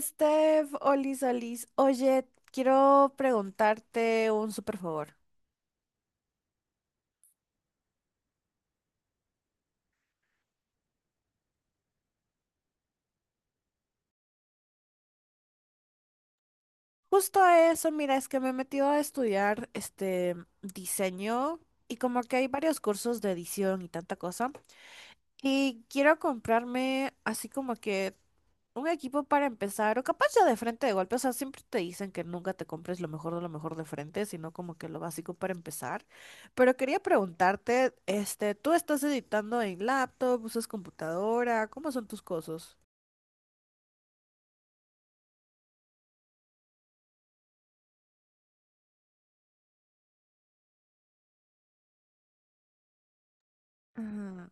Steph, Olis, Olis, oye, quiero preguntarte un súper favor. Justo eso, mira, es que me he metido a estudiar diseño y como que hay varios cursos de edición y tanta cosa. Y quiero comprarme así como que un equipo para empezar, o capaz ya de frente de golpe, o sea, siempre te dicen que nunca te compres lo mejor de frente, sino como que lo básico para empezar. Pero quería preguntarte, ¿tú estás editando en laptop, usas computadora? ¿Cómo son tus cosas? Ajá,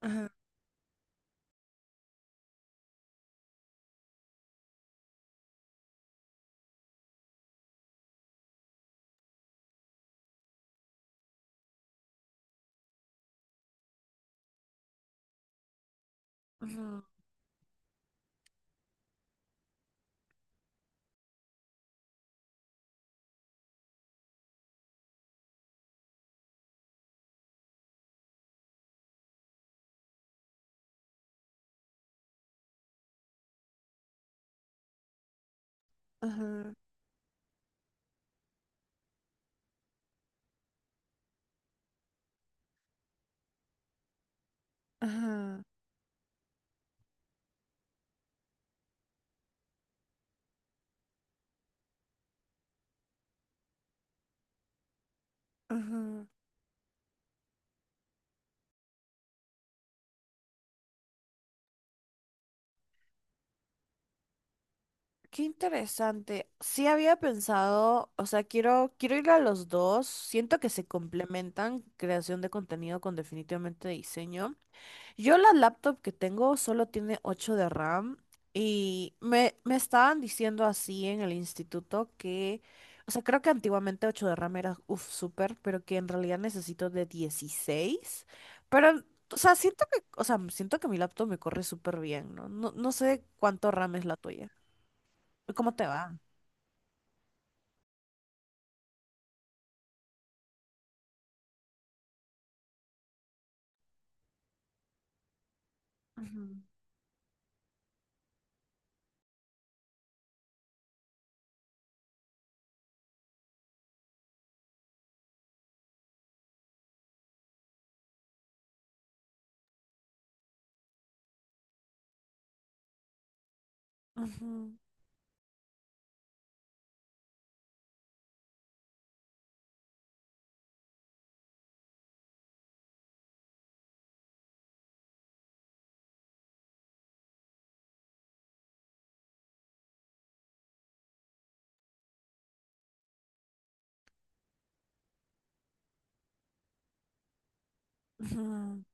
ajá, ajá, ajá, ajá, ajá. Qué interesante. Sí había pensado, o sea, quiero ir a los dos. Siento que se complementan creación de contenido con definitivamente diseño. Yo la laptop que tengo solo tiene 8 de RAM y me estaban diciendo así en el instituto que, o sea, creo que antiguamente 8 de RAM era, uff, súper, pero que en realidad necesito de dieciséis. Pero, o sea, siento que, o sea, siento que mi laptop me corre súper bien, ¿no? No, no sé cuánto RAM es la tuya. ¿Cómo te va? Ujú. Ujú, ujú,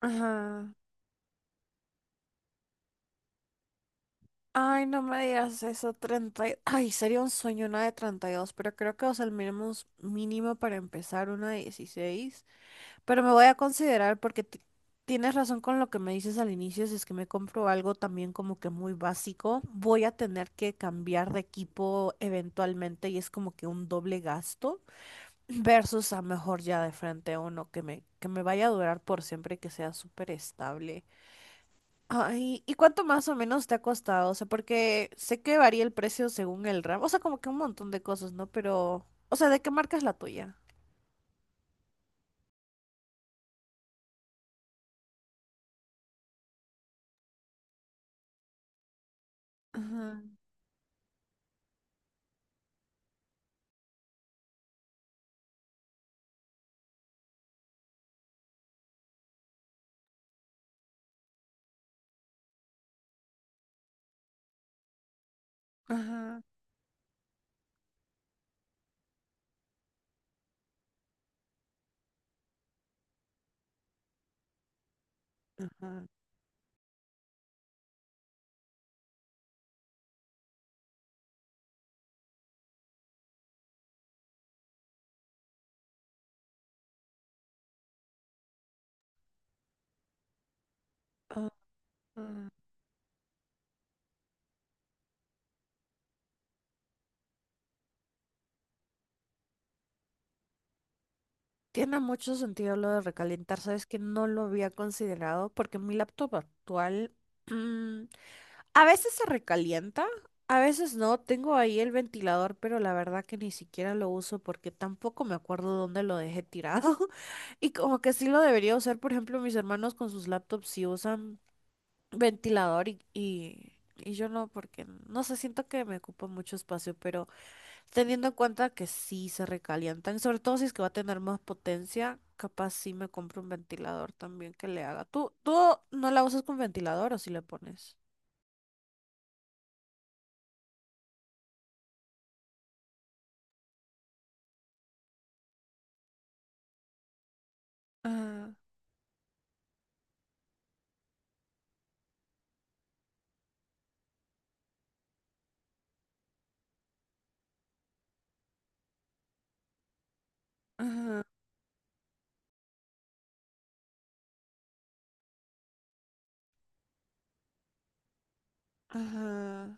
ajá. Ay, no me digas eso, 30. Y ay, sería un sueño una de 32, pero creo que, o sea, el mínimo, es- mínimo para empezar una de 16. Pero me voy a considerar porque ti- tienes razón con lo que me dices al inicio, si es que me compro algo también como que muy básico, voy a tener que cambiar de equipo eventualmente y es como que un doble gasto versus a mejor ya de frente uno que me vaya a durar por siempre y que sea súper estable. Ay, ¿y cuánto más o menos te ha costado? O sea, porque sé que varía el precio según el ramo. O sea, como que un montón de cosas, ¿no? Pero, o sea, ¿de qué marca es la tuya? Ajá, ajá, ajá, ajá. Tiene mucho sentido lo de recalentar, sabes que no lo había considerado porque mi laptop actual a veces se recalienta, a veces no. Tengo ahí el ventilador, pero la verdad que ni siquiera lo uso porque tampoco me acuerdo dónde lo dejé tirado. Y como que sí lo debería usar, por ejemplo, mis hermanos con sus laptops sí usan ventilador y yo no, porque no sé, siento que me ocupa mucho espacio, pero teniendo en cuenta que sí se recalientan, sobre todo si es que va a tener más potencia, capaz sí me compro un ventilador también que le haga. ¿Tú no la usas con ventilador o si le pones? Ajá. Ajá, ajá.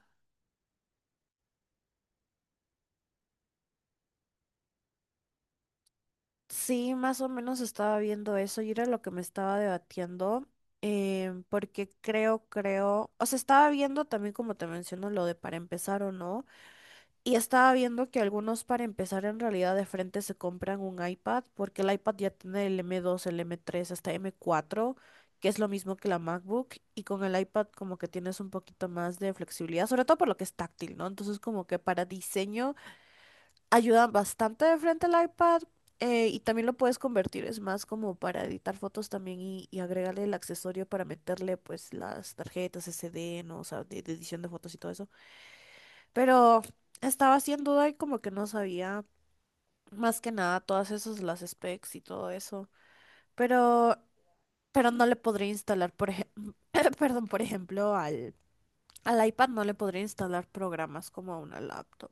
Sí, más o menos estaba viendo eso y era lo que me estaba debatiendo, porque creo, o sea, estaba viendo también como te menciono lo de para empezar o no, y estaba viendo que algunos para empezar en realidad de frente se compran un iPad, porque el iPad ya tiene el m dos, el m tres, hasta m cuatro, que es lo mismo que la MacBook, y con el iPad como que tienes un poquito más de flexibilidad, sobre todo por lo que es táctil, ¿no? Entonces como que para diseño ayudan bastante de frente al iPad. Y también lo puedes convertir, es más como para editar fotos también y agregarle el accesorio para meterle pues las tarjetas SD, ¿no? O sea, de edición de fotos y todo eso. Pero estaba haciendo duda y como que no sabía más que nada todas esas, las specs y todo eso. Pero, pero no le podría instalar, por ejemplo, perdón, por ejemplo, al iPad no le podría instalar programas como a una laptop.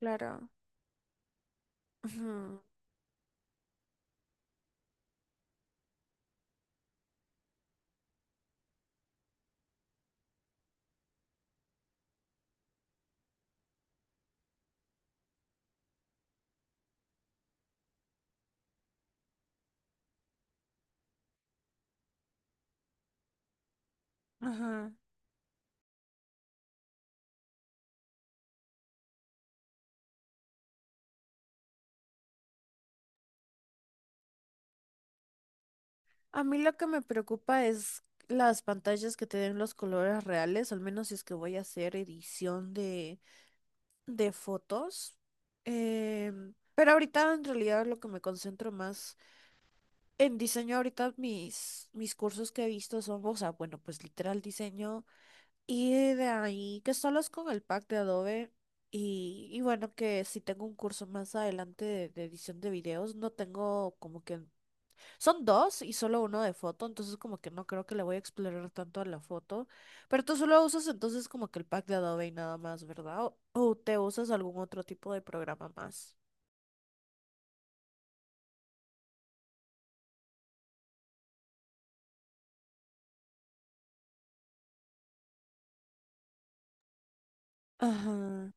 Claro. Ujú, ajá. A mí lo que me preocupa es las pantallas que te den los colores reales, al menos si es que voy a hacer edición de fotos. Pero ahorita en realidad lo que me concentro más en diseño, ahorita mis cursos que he visto son, o sea, bueno, pues literal diseño y de ahí que solo es con el pack de Adobe. Y bueno, que si tengo un curso más adelante de edición de videos, no tengo como que son dos y solo uno de foto, entonces como que no creo que le voy a explorar tanto a la foto. Pero tú solo usas entonces como que el pack de Adobe y nada más, ¿verdad? ¿O te usas algún otro tipo de programa más? Ajá,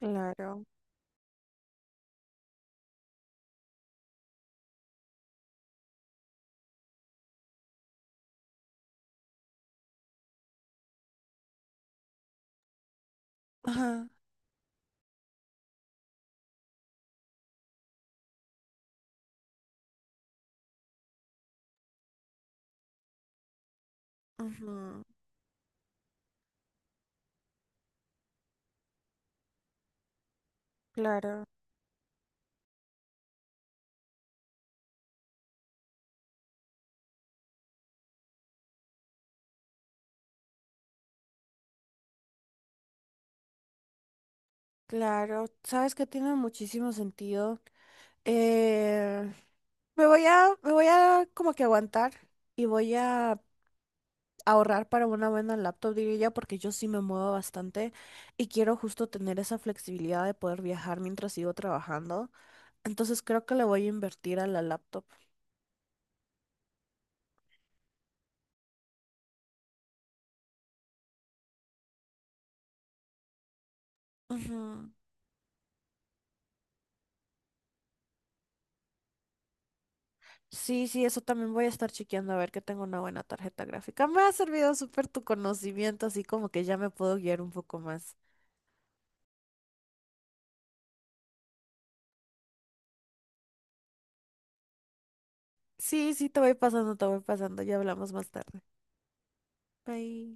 claro. Ajá, ujú. Claro, claro. Sabes que tiene muchísimo sentido. Eh, me voy a como que aguantar y voy a ahorrar para una buena laptop, diría yo, porque yo sí me muevo bastante y quiero justo tener esa flexibilidad de poder viajar mientras sigo trabajando. Entonces creo que le voy a invertir a la laptop. Ujú. Sí, sí, eso también voy a estar chequeando a ver que tengo una buena tarjeta gráfica. Me ha servido súper tu conocimiento, así como que ya me puedo guiar un poco más. Sí, sí, te voy pasando. Ya hablamos más tarde. Bye.